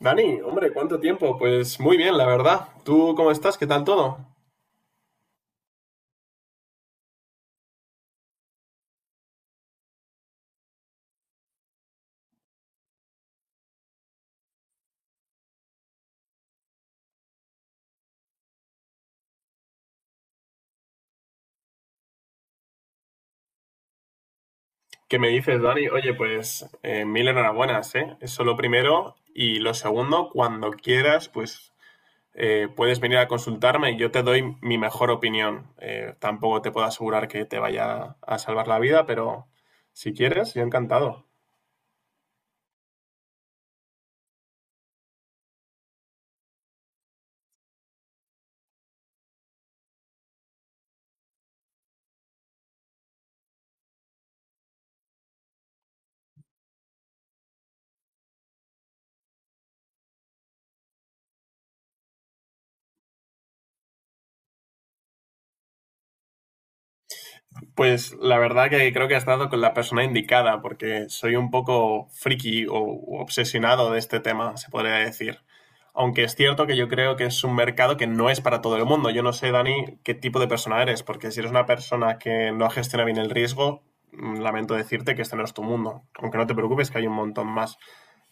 Dani, hombre, ¿cuánto tiempo? Pues muy bien, la verdad. ¿Tú cómo estás? ¿Qué tal todo? ¿Qué me dices, Dani? Oye, pues mil enhorabuenas, ¿eh? Eso lo primero. Y lo segundo, cuando quieras, pues puedes venir a consultarme y yo te doy mi mejor opinión. Tampoco te puedo asegurar que te vaya a salvar la vida, pero si quieres, yo encantado. Pues la verdad que creo que has dado con la persona indicada, porque soy un poco friki o obsesionado de este tema, se podría decir. Aunque es cierto que yo creo que es un mercado que no es para todo el mundo. Yo no sé, Dani, qué tipo de persona eres, porque si eres una persona que no gestiona bien el riesgo, lamento decirte que este no es tu mundo. Aunque no te preocupes, que hay un montón más.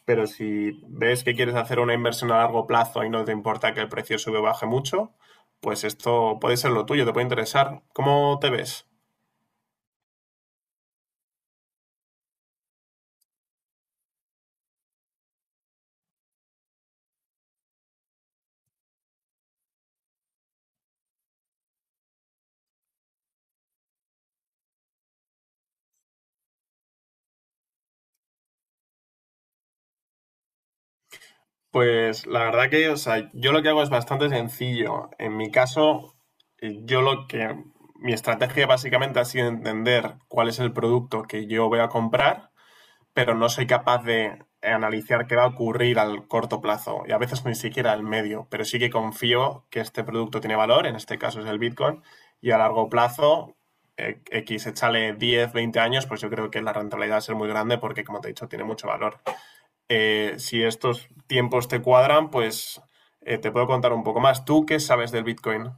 Pero si ves que quieres hacer una inversión a largo plazo y no te importa que el precio sube o baje mucho, pues esto puede ser lo tuyo, te puede interesar. ¿Cómo te ves? Pues la verdad que, o sea, yo lo que hago es bastante sencillo. En mi caso, yo lo que... Mi estrategia básicamente ha sido entender cuál es el producto que yo voy a comprar, pero no soy capaz de analizar qué va a ocurrir al corto plazo y a veces ni siquiera al medio, pero sí que confío que este producto tiene valor, en este caso es el Bitcoin, y a largo plazo, X, échale 10, 20 años, pues yo creo que la rentabilidad va a ser muy grande porque, como te he dicho, tiene mucho valor. Si estos tiempos te cuadran, pues te puedo contar un poco más. ¿Tú qué sabes del Bitcoin?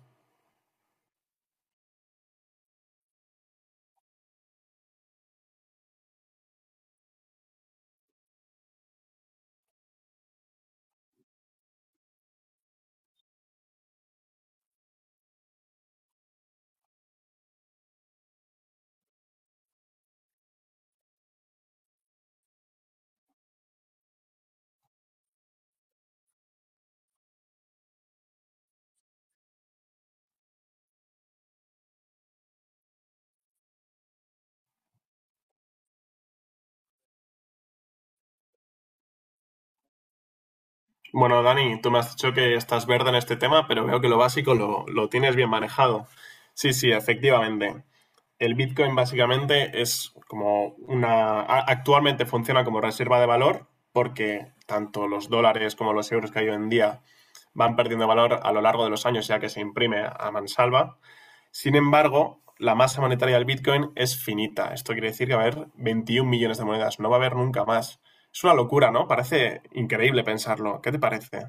Bueno, Dani, tú me has dicho que estás verde en este tema, pero veo que lo básico lo tienes bien manejado. Sí, sí, efectivamente. El Bitcoin básicamente es como una... Actualmente funciona como reserva de valor porque tanto los dólares como los euros que hay hoy en día van perdiendo valor a lo largo de los años ya que se imprime a mansalva. Sin embargo, la masa monetaria del Bitcoin es finita. Esto quiere decir que va a haber 21 millones de monedas. No va a haber nunca más. Es una locura, ¿no? Parece increíble pensarlo. ¿Qué te parece?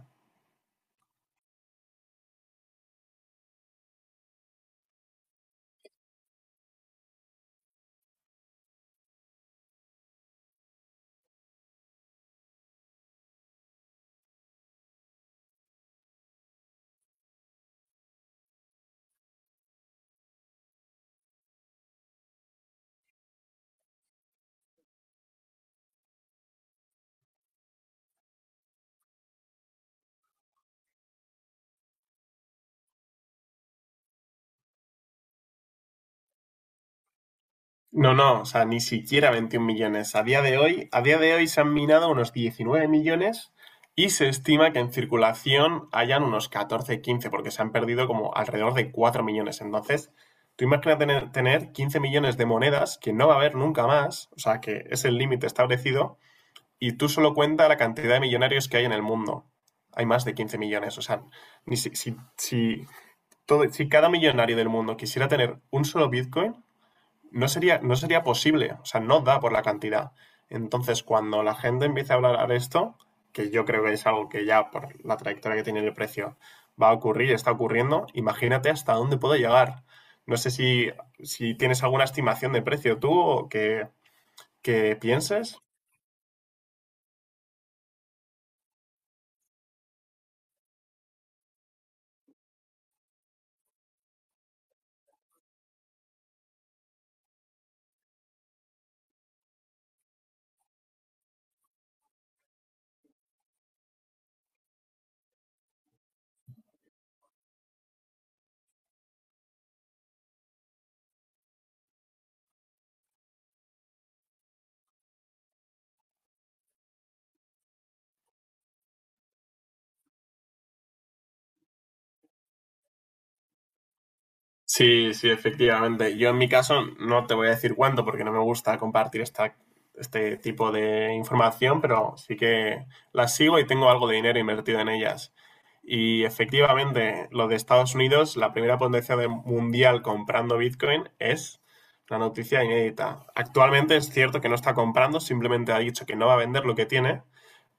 No, no, o sea, ni siquiera 21 millones. A día de hoy, a día de hoy se han minado unos 19 millones y se estima que en circulación hayan unos 14, 15, porque se han perdido como alrededor de 4 millones. Entonces, tú imaginas tener 15 millones de monedas que no va a haber nunca más, o sea, que es el límite establecido. Y tú solo cuenta la cantidad de millonarios que hay en el mundo. Hay más de 15 millones. O sea, ni si todo, si cada millonario del mundo quisiera tener un solo Bitcoin, no sería posible. O sea, no da por la cantidad. Entonces, cuando la gente empiece a hablar de esto, que yo creo que es algo que ya por la trayectoria que tiene el precio va a ocurrir, está ocurriendo, imagínate hasta dónde puede llegar. No sé si tienes alguna estimación de precio tú que pienses. Sí, sí, efectivamente. Yo en mi caso no te voy a decir cuándo porque no me gusta compartir este tipo de información, pero sí que las sigo y tengo algo de dinero invertido en ellas. Y efectivamente, lo de Estados Unidos, la primera potencia mundial comprando Bitcoin es una noticia inédita. Actualmente es cierto que no está comprando, simplemente ha dicho que no va a vender lo que tiene,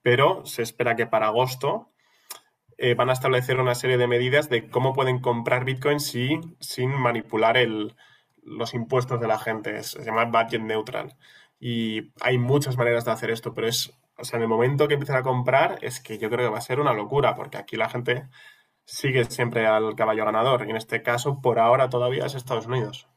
pero se espera que para agosto van a establecer una serie de medidas de cómo pueden comprar Bitcoin sin manipular los impuestos de la gente. Se llama budget neutral. Y hay muchas maneras de hacer esto, pero es, o sea, en el momento que empiezan a comprar, es que yo creo que va a ser una locura, porque aquí la gente sigue siempre al caballo ganador. Y en este caso, por ahora todavía es Estados Unidos.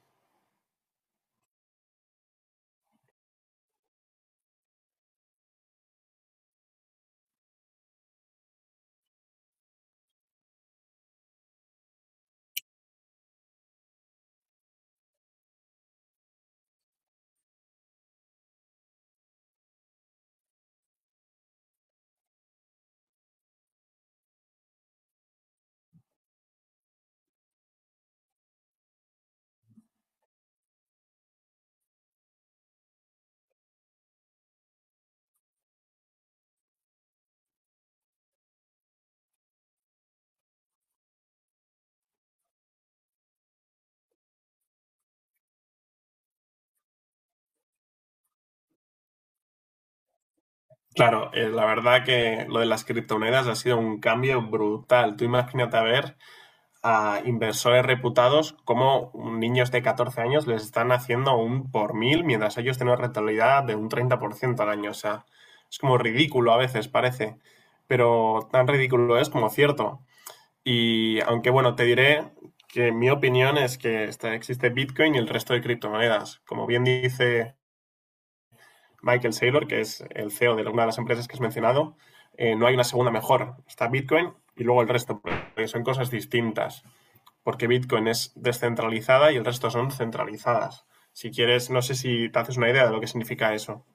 Claro, la verdad que lo de las criptomonedas ha sido un cambio brutal. Tú imagínate a ver a inversores reputados como niños de 14 años les están haciendo un por mil mientras ellos tienen una rentabilidad de un 30% al año. O sea, es como ridículo a veces, parece, pero tan ridículo es como cierto. Y aunque bueno, te diré que mi opinión es que existe Bitcoin y el resto de criptomonedas. Como bien dice Michael Saylor, que es el CEO de una de las empresas que has mencionado, no hay una segunda mejor. Está Bitcoin y luego el resto, porque son cosas distintas. Porque Bitcoin es descentralizada y el resto son centralizadas. Si quieres, no sé si te haces una idea de lo que significa eso.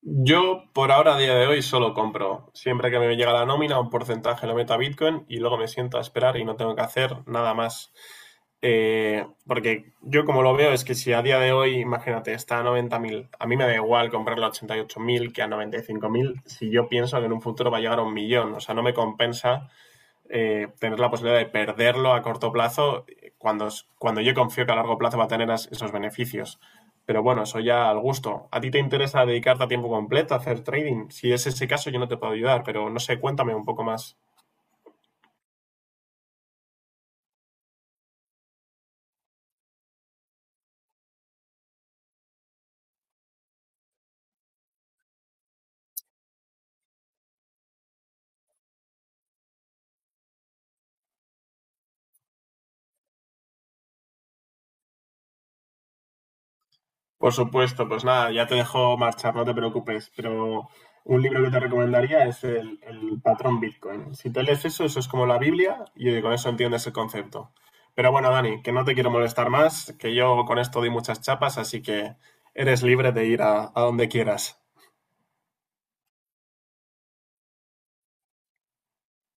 Yo, por ahora, a día de hoy, solo compro. Siempre que me llega la nómina, un porcentaje lo meto a Bitcoin y luego me siento a esperar y no tengo que hacer nada más. Porque yo como lo veo es que si a día de hoy, imagínate, está a 90.000, a mí me da igual comprarlo a 88.000 que a 95.000 si yo pienso que en un futuro va a llegar a un millón. O sea, no me compensa tener la posibilidad de perderlo a corto plazo cuando, cuando yo confío que a largo plazo va a tener esos beneficios. Pero bueno, eso ya al gusto. ¿A ti te interesa dedicarte a tiempo completo, a hacer trading? Si es ese caso, yo no te puedo ayudar, pero no sé, cuéntame un poco más. Por supuesto, pues nada, ya te dejo marchar, no te preocupes, pero un libro que te recomendaría es el patrón Bitcoin. Si te lees eso, eso es como la Biblia y con eso entiendes el concepto. Pero bueno, Dani, que no te quiero molestar más, que yo con esto doy muchas chapas, así que eres libre de ir a donde quieras.